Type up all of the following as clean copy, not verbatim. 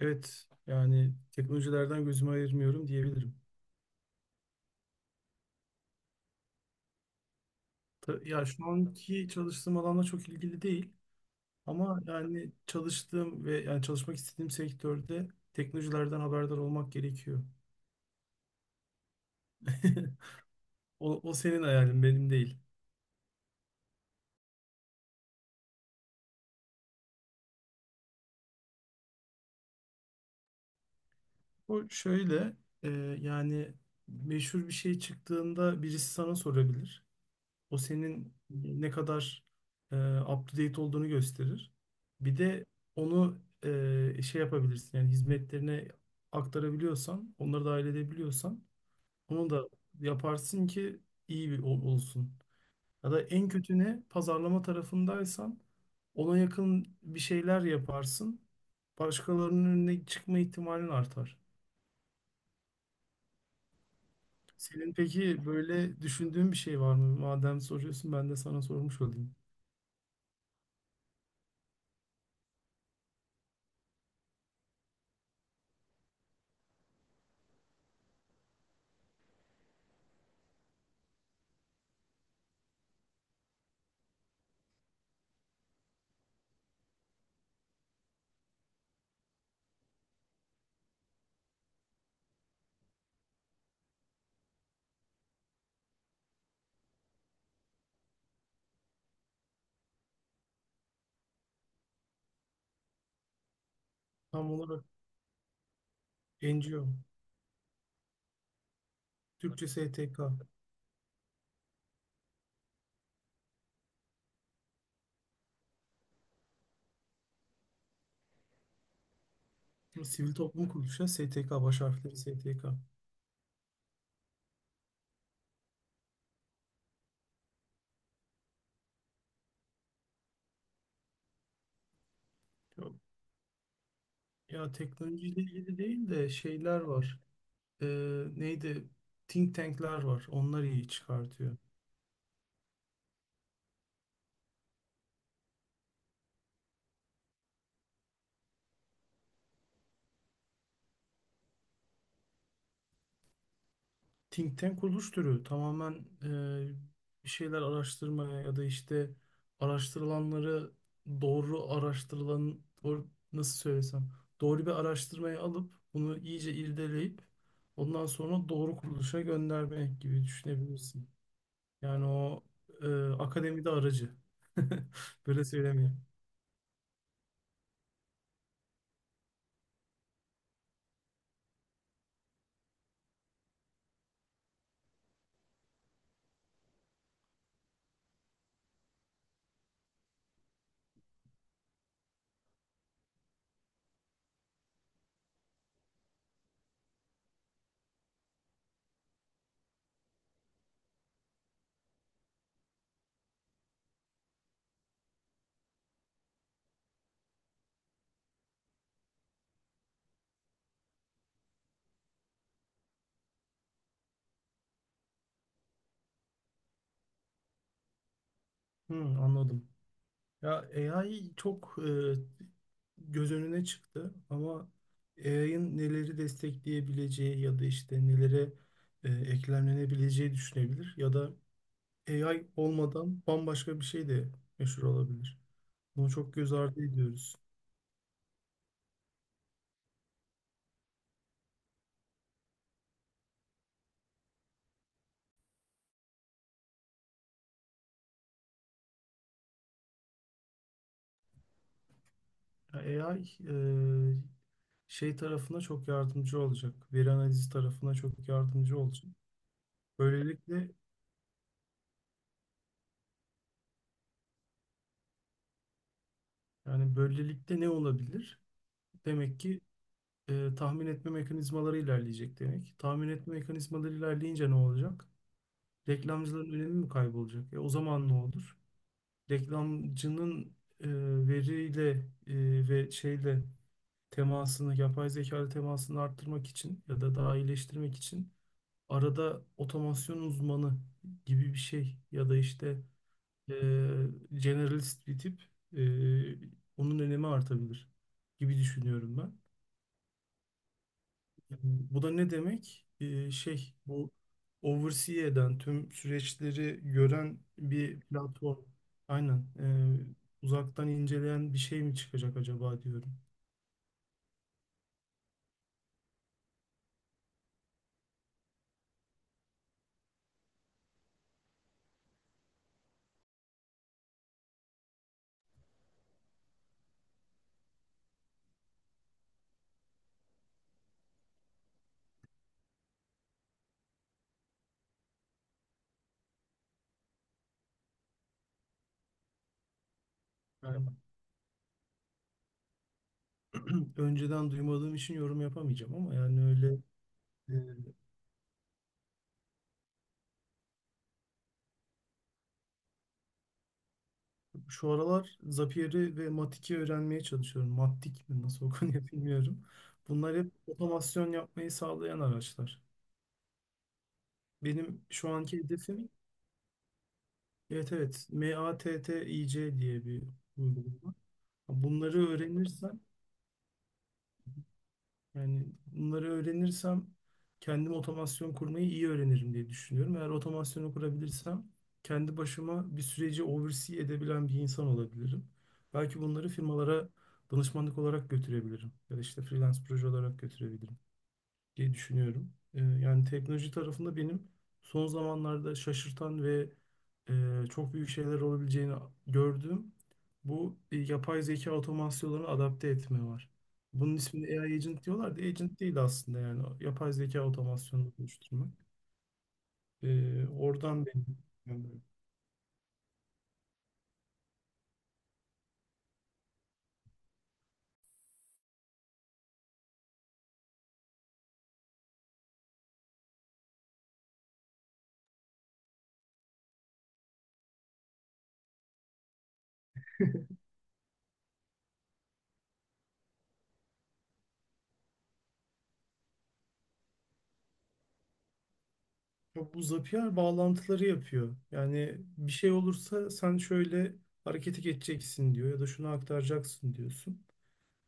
Evet, yani teknolojilerden gözümü ayırmıyorum diyebilirim. Ya şu anki çalıştığım alanla çok ilgili değil ama yani çalıştığım ve yani çalışmak istediğim sektörde teknolojilerden haberdar olmak gerekiyor. O senin hayalin, benim değil. O şöyle, e, yani meşhur bir şey çıktığında birisi sana sorabilir. O senin ne kadar e, up to date olduğunu gösterir. Bir de onu şey yapabilirsin yani hizmetlerine aktarabiliyorsan, onları dahil edebiliyorsan onu da yaparsın ki iyi bir olsun. Ya da en kötü ne? Pazarlama tarafındaysan ona yakın bir şeyler yaparsın. Başkalarının önüne çıkma ihtimalin artar. Senin peki böyle düşündüğün bir şey var mı? Madem soruyorsun ben de sana sormuş olayım. Tam olarak NGO. Türkçe STK. Bu sivil toplum kuruluşu ya, STK baş harfleri STK. Tamam. Ya teknolojiyle ilgili değil de şeyler var. Neydi? Think tank'ler var. Onlar iyi çıkartıyor. Think tank kuruluş türü tamamen e, bir şeyler araştırmaya ya da işte araştırılanları doğru araştırılan doğru, nasıl söylesem doğru bir araştırmayı alıp bunu iyice irdeleyip ondan sonra doğru kuruluşa göndermek gibi düşünebilirsin. Yani o e, akademide aracı. Böyle söylemeyeyim. Hı, anladım. Ya AI çok göz önüne çıktı ama AI'ın neleri destekleyebileceği ya da işte nelere eklemlenebileceği düşünebilir ya da AI olmadan bambaşka bir şey de meşhur olabilir. Bunu çok göz ardı ediyoruz. Ya AI şey tarafına çok yardımcı olacak. Veri analizi tarafına çok yardımcı olacak. Böylelikle Yani böylelikle ne olabilir? Demek ki tahmin etme mekanizmaları ilerleyecek demek. Tahmin etme mekanizmaları ilerleyince ne olacak? Reklamcıların önemi mi kaybolacak? E, o zaman ne olur? Reklamcının e, veriyle e, ve şeyle temasını, yapay zeka ile temasını arttırmak için ya da daha iyileştirmek için arada otomasyon uzmanı gibi bir şey ya da işte e, generalist bir tip e, onun önemi artabilir gibi düşünüyorum ben. Yani bu da ne demek? E, şey bu oversee eden tüm süreçleri gören bir platform. Aynen. Uzaktan inceleyen bir şey mi çıkacak acaba diyorum. Yani önceden duymadığım için yorum yapamayacağım ama yani öyle. e, Şu aralar Zapier'i ve Matik'i öğrenmeye çalışıyorum. Matik mi nasıl okunuyor bilmiyorum. Bunlar hep otomasyon yapmayı sağlayan araçlar. Benim şu anki hedefim, evet, evet, MATTIC diye bir uygulama. Bunları öğrenirsem Yani bunları öğrenirsem kendim otomasyon kurmayı iyi öğrenirim diye düşünüyorum. Eğer otomasyonu kurabilirsem kendi başıma bir süreci oversee edebilen bir insan olabilirim. Belki bunları firmalara danışmanlık olarak götürebilirim ya da işte freelance proje olarak götürebilirim diye düşünüyorum. Yani teknoloji tarafında benim son zamanlarda şaşırtan ve çok büyük şeyler olabileceğini gördüğüm bu yapay zeka otomasyonlarını adapte etme var. Bunun ismini AI agent diyorlar da agent değil aslında yani yapay zeka otomasyonunu oluşturmak. Oradan benim yani ya bu Zapier bağlantıları yapıyor. Yani bir şey olursa sen şöyle harekete geçeceksin diyor ya da şunu aktaracaksın diyorsun.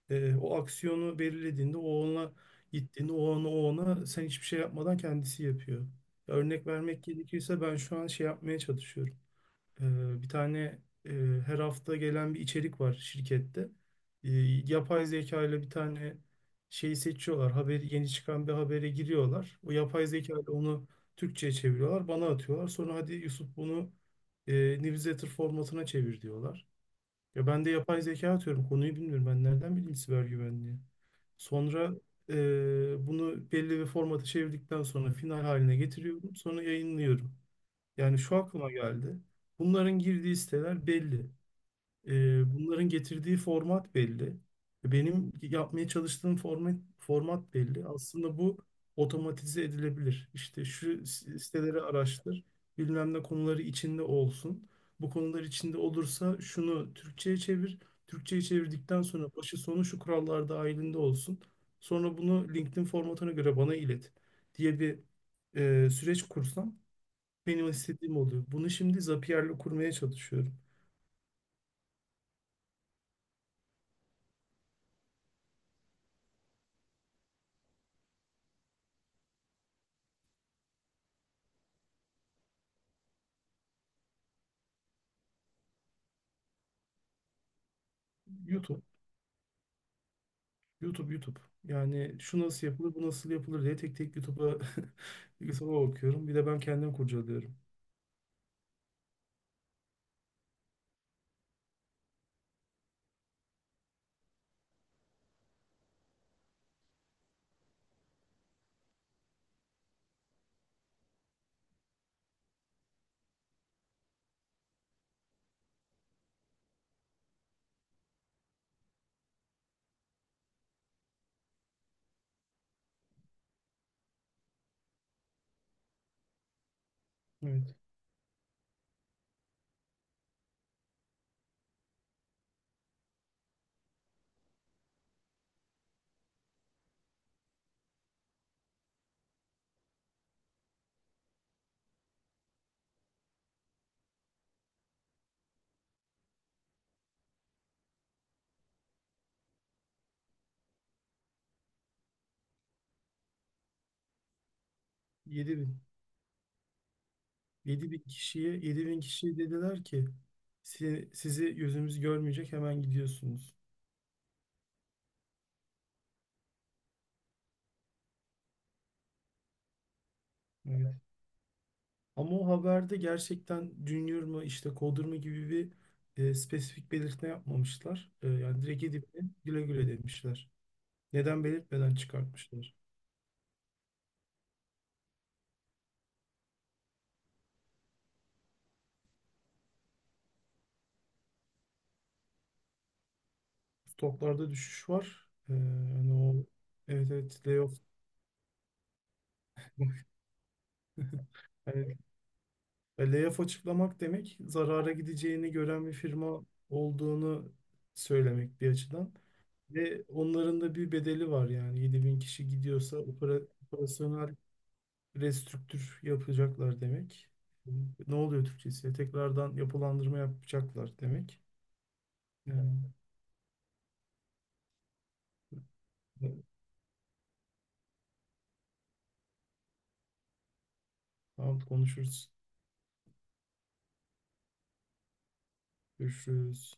E, o aksiyonu belirlediğinde, o ona gittiğinde, o ona, o ona sen hiçbir şey yapmadan kendisi yapıyor. Örnek vermek gerekirse ben şu an şey yapmaya çalışıyorum. E, bir tane e, her hafta gelen bir içerik var şirkette. E, yapay zeka ile bir tane şeyi seçiyorlar. Haberi, yeni çıkan bir habere giriyorlar. O yapay zeka ile onu Türkçe'ye çeviriyorlar. Bana atıyorlar. Sonra hadi Yusuf bunu e, newsletter formatına çevir diyorlar. Ya ben de yapay zeka atıyorum. Konuyu bilmiyorum. Ben nereden bileyim siber güvenliği? Sonra eee, bunu belli bir formata çevirdikten sonra final haline getiriyorum. Sonra yayınlıyorum. Yani şu aklıma geldi. Bunların girdiği siteler belli. E, bunların getirdiği format belli. Benim yapmaya çalıştığım format belli. Aslında bu otomatize edilebilir. İşte şu siteleri araştır, bilmem ne konuları içinde olsun. Bu konular içinde olursa şunu Türkçe'ye çevir. Türkçe'ye çevirdikten sonra başı sonu şu kurallar dahilinde olsun. Sonra bunu LinkedIn formatına göre bana ilet diye bir süreç kursam benim istediğim oluyor. Bunu şimdi Zapier'le kurmaya çalışıyorum. YouTube, YouTube, YouTube. Yani şu nasıl yapılır, bu nasıl yapılır diye tek tek YouTube'a YouTube'a bakıyorum. Bir de ben kendim kurcalıyorum. Evet. yedi bin yedi bin kişiye dediler ki: Sizi gözümüz görmeyecek, hemen gidiyorsunuz." Evet. Ama o haberde gerçekten Junior mu işte Coder mı gibi bir spesifik belirtme yapmamışlar. E, yani direkt 7.000 güle güle demişler. Neden belirtmeden çıkartmışlar. Stoklarda düşüş var. E, yani o, evet, evet, layoff yani. E, layoff açıklamak demek zarara gideceğini gören bir firma olduğunu söylemek bir açıdan. Ve onların da bir bedeli var yani 7.000 kişi gidiyorsa operasyonel restrüktür yapacaklar demek. Ne oluyor Türkçesi? Tekrardan yapılandırma yapacaklar demek. Yani, evet, tamam, konuşuruz. Görüşürüz.